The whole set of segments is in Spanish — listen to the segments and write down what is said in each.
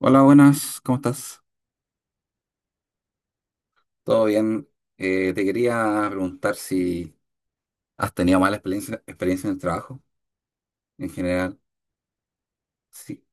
Hola, buenas, ¿cómo estás? ¿Todo bien? Te quería preguntar si has tenido mala experiencia en el trabajo en general. Sí,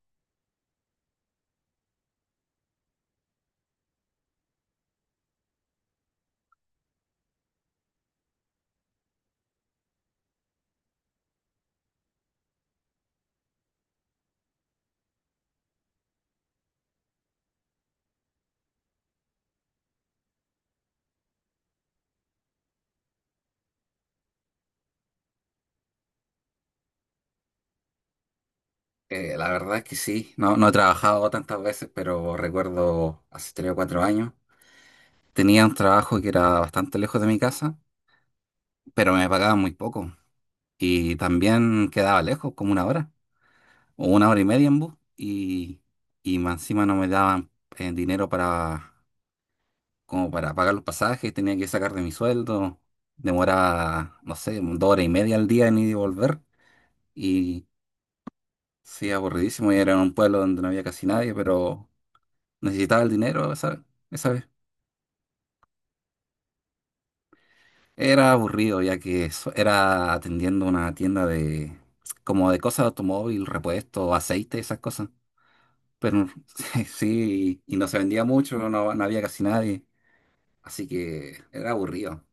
la verdad es que sí. No, no he trabajado tantas veces, pero recuerdo hace tres o cuatro años. Tenía un trabajo que era bastante lejos de mi casa, pero me pagaban muy poco. Y también quedaba lejos, como una hora o una hora y media en bus. Y más encima no me daban dinero para como para pagar los pasajes, tenía que sacar de mi sueldo. Demoraba, no sé, dos horas y media al día en ir y volver. Y sí, aburridísimo. Y era en un pueblo donde no había casi nadie, pero necesitaba el dinero, ¿sabes? Esa vez. Era aburrido, ya que era atendiendo una tienda de, como de cosas de automóvil, repuestos, aceite, esas cosas. Pero sí, y no se vendía mucho, no, no había casi nadie. Así que era aburrido.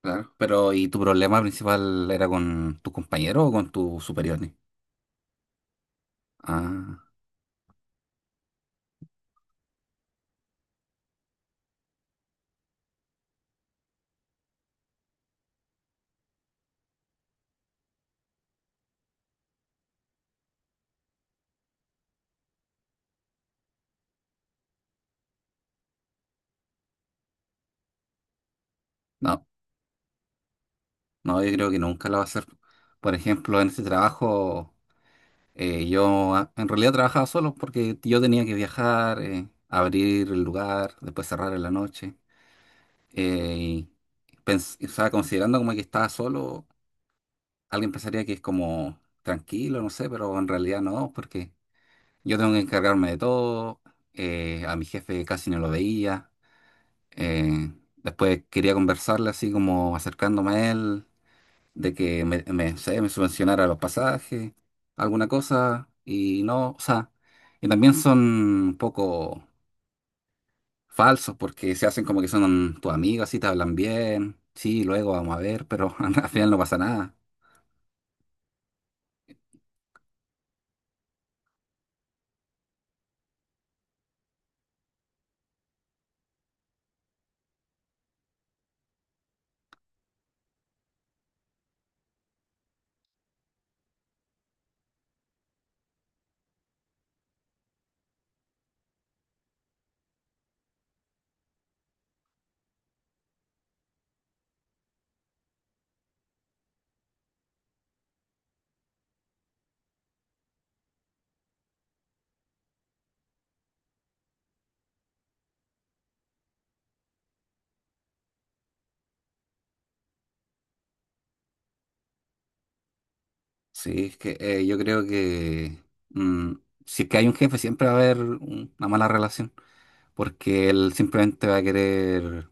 Claro. Pero, ¿y tu problema principal era con tus compañeros o con tus superiores? Ah, no, no, yo creo que nunca lo va a hacer. Por ejemplo, en este trabajo, en realidad trabajaba solo porque yo tenía que viajar, abrir el lugar, después cerrar en la noche. Eh, o sea, considerando como que estaba solo, alguien pensaría que es como tranquilo, no sé, pero en realidad no, porque yo tengo que encargarme de todo, a mi jefe casi no lo veía. Eh, Después quería conversarle así como acercándome a él, de que me subvencionara los pasajes, alguna cosa, y no, o sea, y también son un poco falsos porque se hacen como que son tus amigos, así te hablan bien, sí, luego vamos a ver, pero al final no pasa nada. Sí, es que yo creo que mm, si es que hay un jefe siempre va a haber una mala relación, porque él simplemente va a querer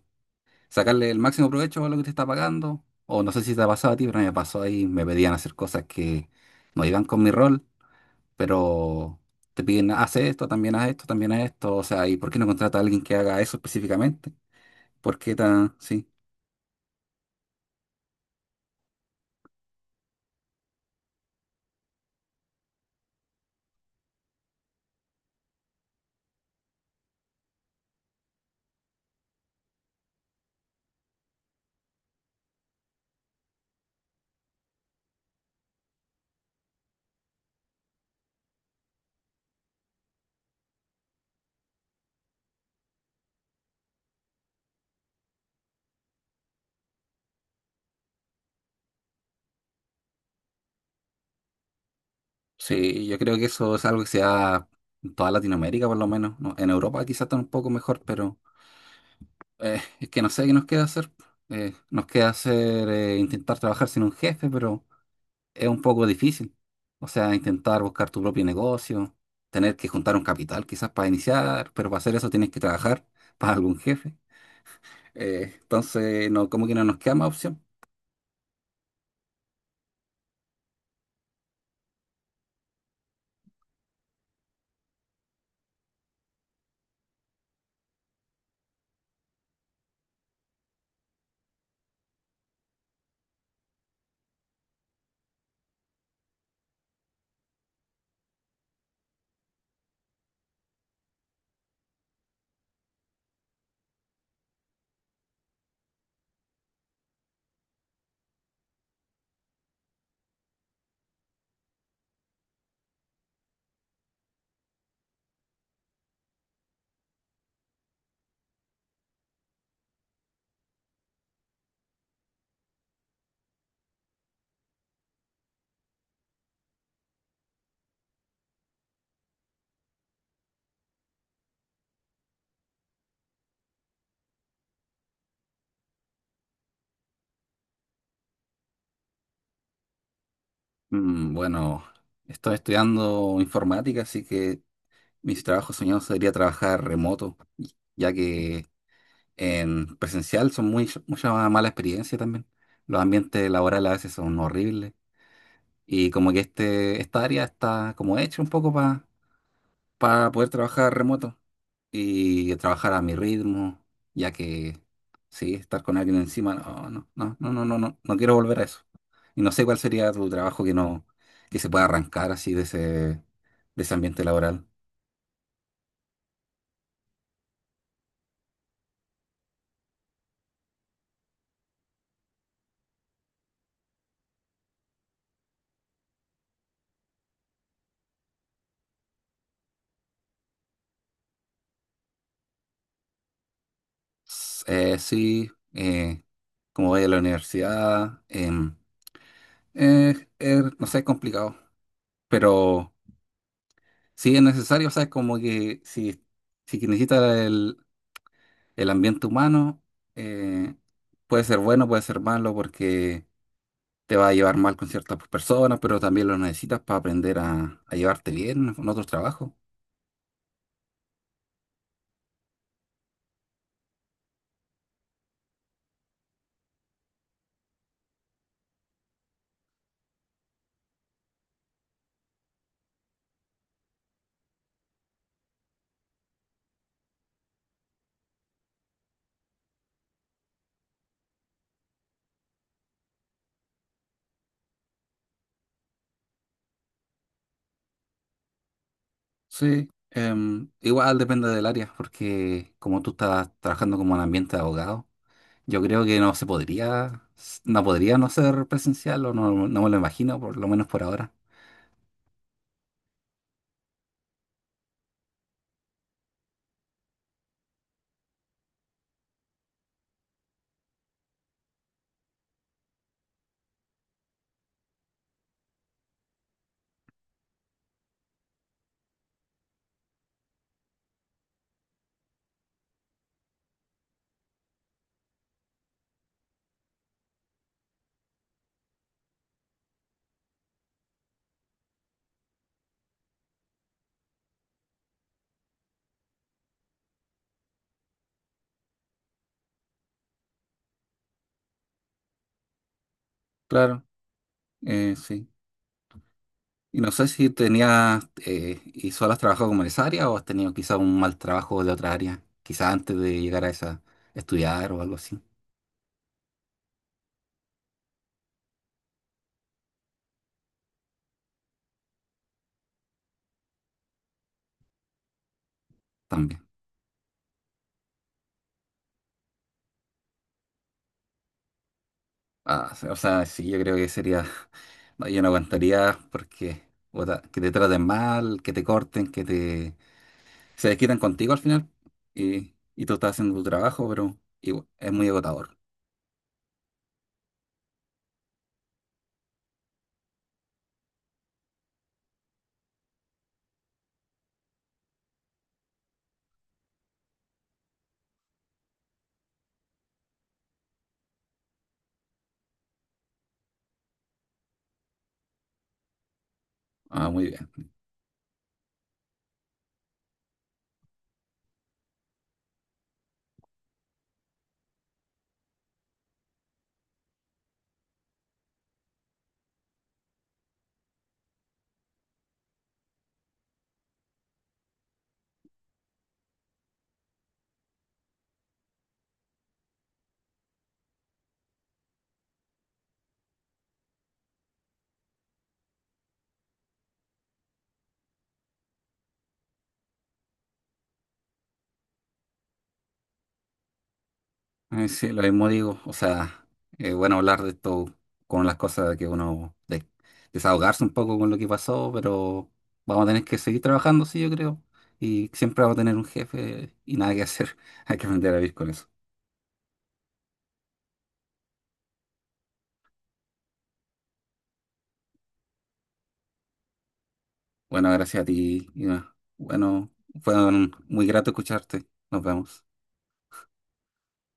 sacarle el máximo provecho a lo que te está pagando. O no sé si te ha pasado a ti, pero a mí me pasó ahí, me pedían hacer cosas que no iban con mi rol, pero te piden, haz esto, también haz esto, también haz esto. O sea, ¿y por qué no contrata a alguien que haga eso específicamente? ¿Por qué tan...? Sí, sí, yo creo que eso es algo que se da en toda Latinoamérica, por lo menos, ¿no? En Europa quizás está un poco mejor, pero es que no sé qué nos queda hacer. Nos queda hacer, intentar trabajar sin un jefe, pero... es un poco difícil. O sea, intentar buscar tu propio negocio, tener que juntar un capital quizás para iniciar, pero para hacer eso tienes que trabajar para algún jefe. Entonces, no, como que no nos queda más opción. Mm, bueno, estoy estudiando informática, así que mis trabajos soñados sería trabajar remoto, ya que en presencial son mucha mala experiencia también. Los ambientes laborales a veces son horribles. Y como que esta área está como hecha un poco para poder trabajar remoto y trabajar a mi ritmo, ya que sí, estar con alguien encima, no, no, no, no, no, no, no, no quiero volver a eso. Y no sé cuál sería tu trabajo que no, que se pueda arrancar así de ese ambiente laboral. Sí, como voy a la universidad, no sé, es complicado, pero sí es necesario, ¿sabes? Como que si que necesitas el ambiente humano eh, puede ser bueno, puede ser malo, porque te va a llevar mal con ciertas personas, pero también lo necesitas para aprender a llevarte bien con otros trabajos. Sí, em, igual depende del área, porque como tú estás trabajando como en ambiente de abogado, yo creo que no se no podría no ser presencial, o no, no me lo imagino, por lo menos por ahora. Claro, sí. Y no sé si tenías y solo has trabajado como en esa área o has tenido quizá un mal trabajo de otra área, quizá antes de llegar a esa, estudiar o algo así, también. Ah, o sea, sí, yo creo que sería, no, yo no aguantaría porque puta, que te traten mal, que te corten, que te se desquitan contigo al final y tú estás haciendo tu trabajo, pero igual, es muy agotador. Ah, muy bien. Sí, lo mismo digo. O sea, es bueno hablar de esto con las cosas que desahogarse un poco con lo que pasó, pero vamos a tener que seguir trabajando, sí, yo creo. Y siempre vamos a tener un jefe y nada que hacer. Hay que aprender a vivir con eso. Bueno, gracias a ti, Iván. Bueno, muy grato escucharte. Nos vemos.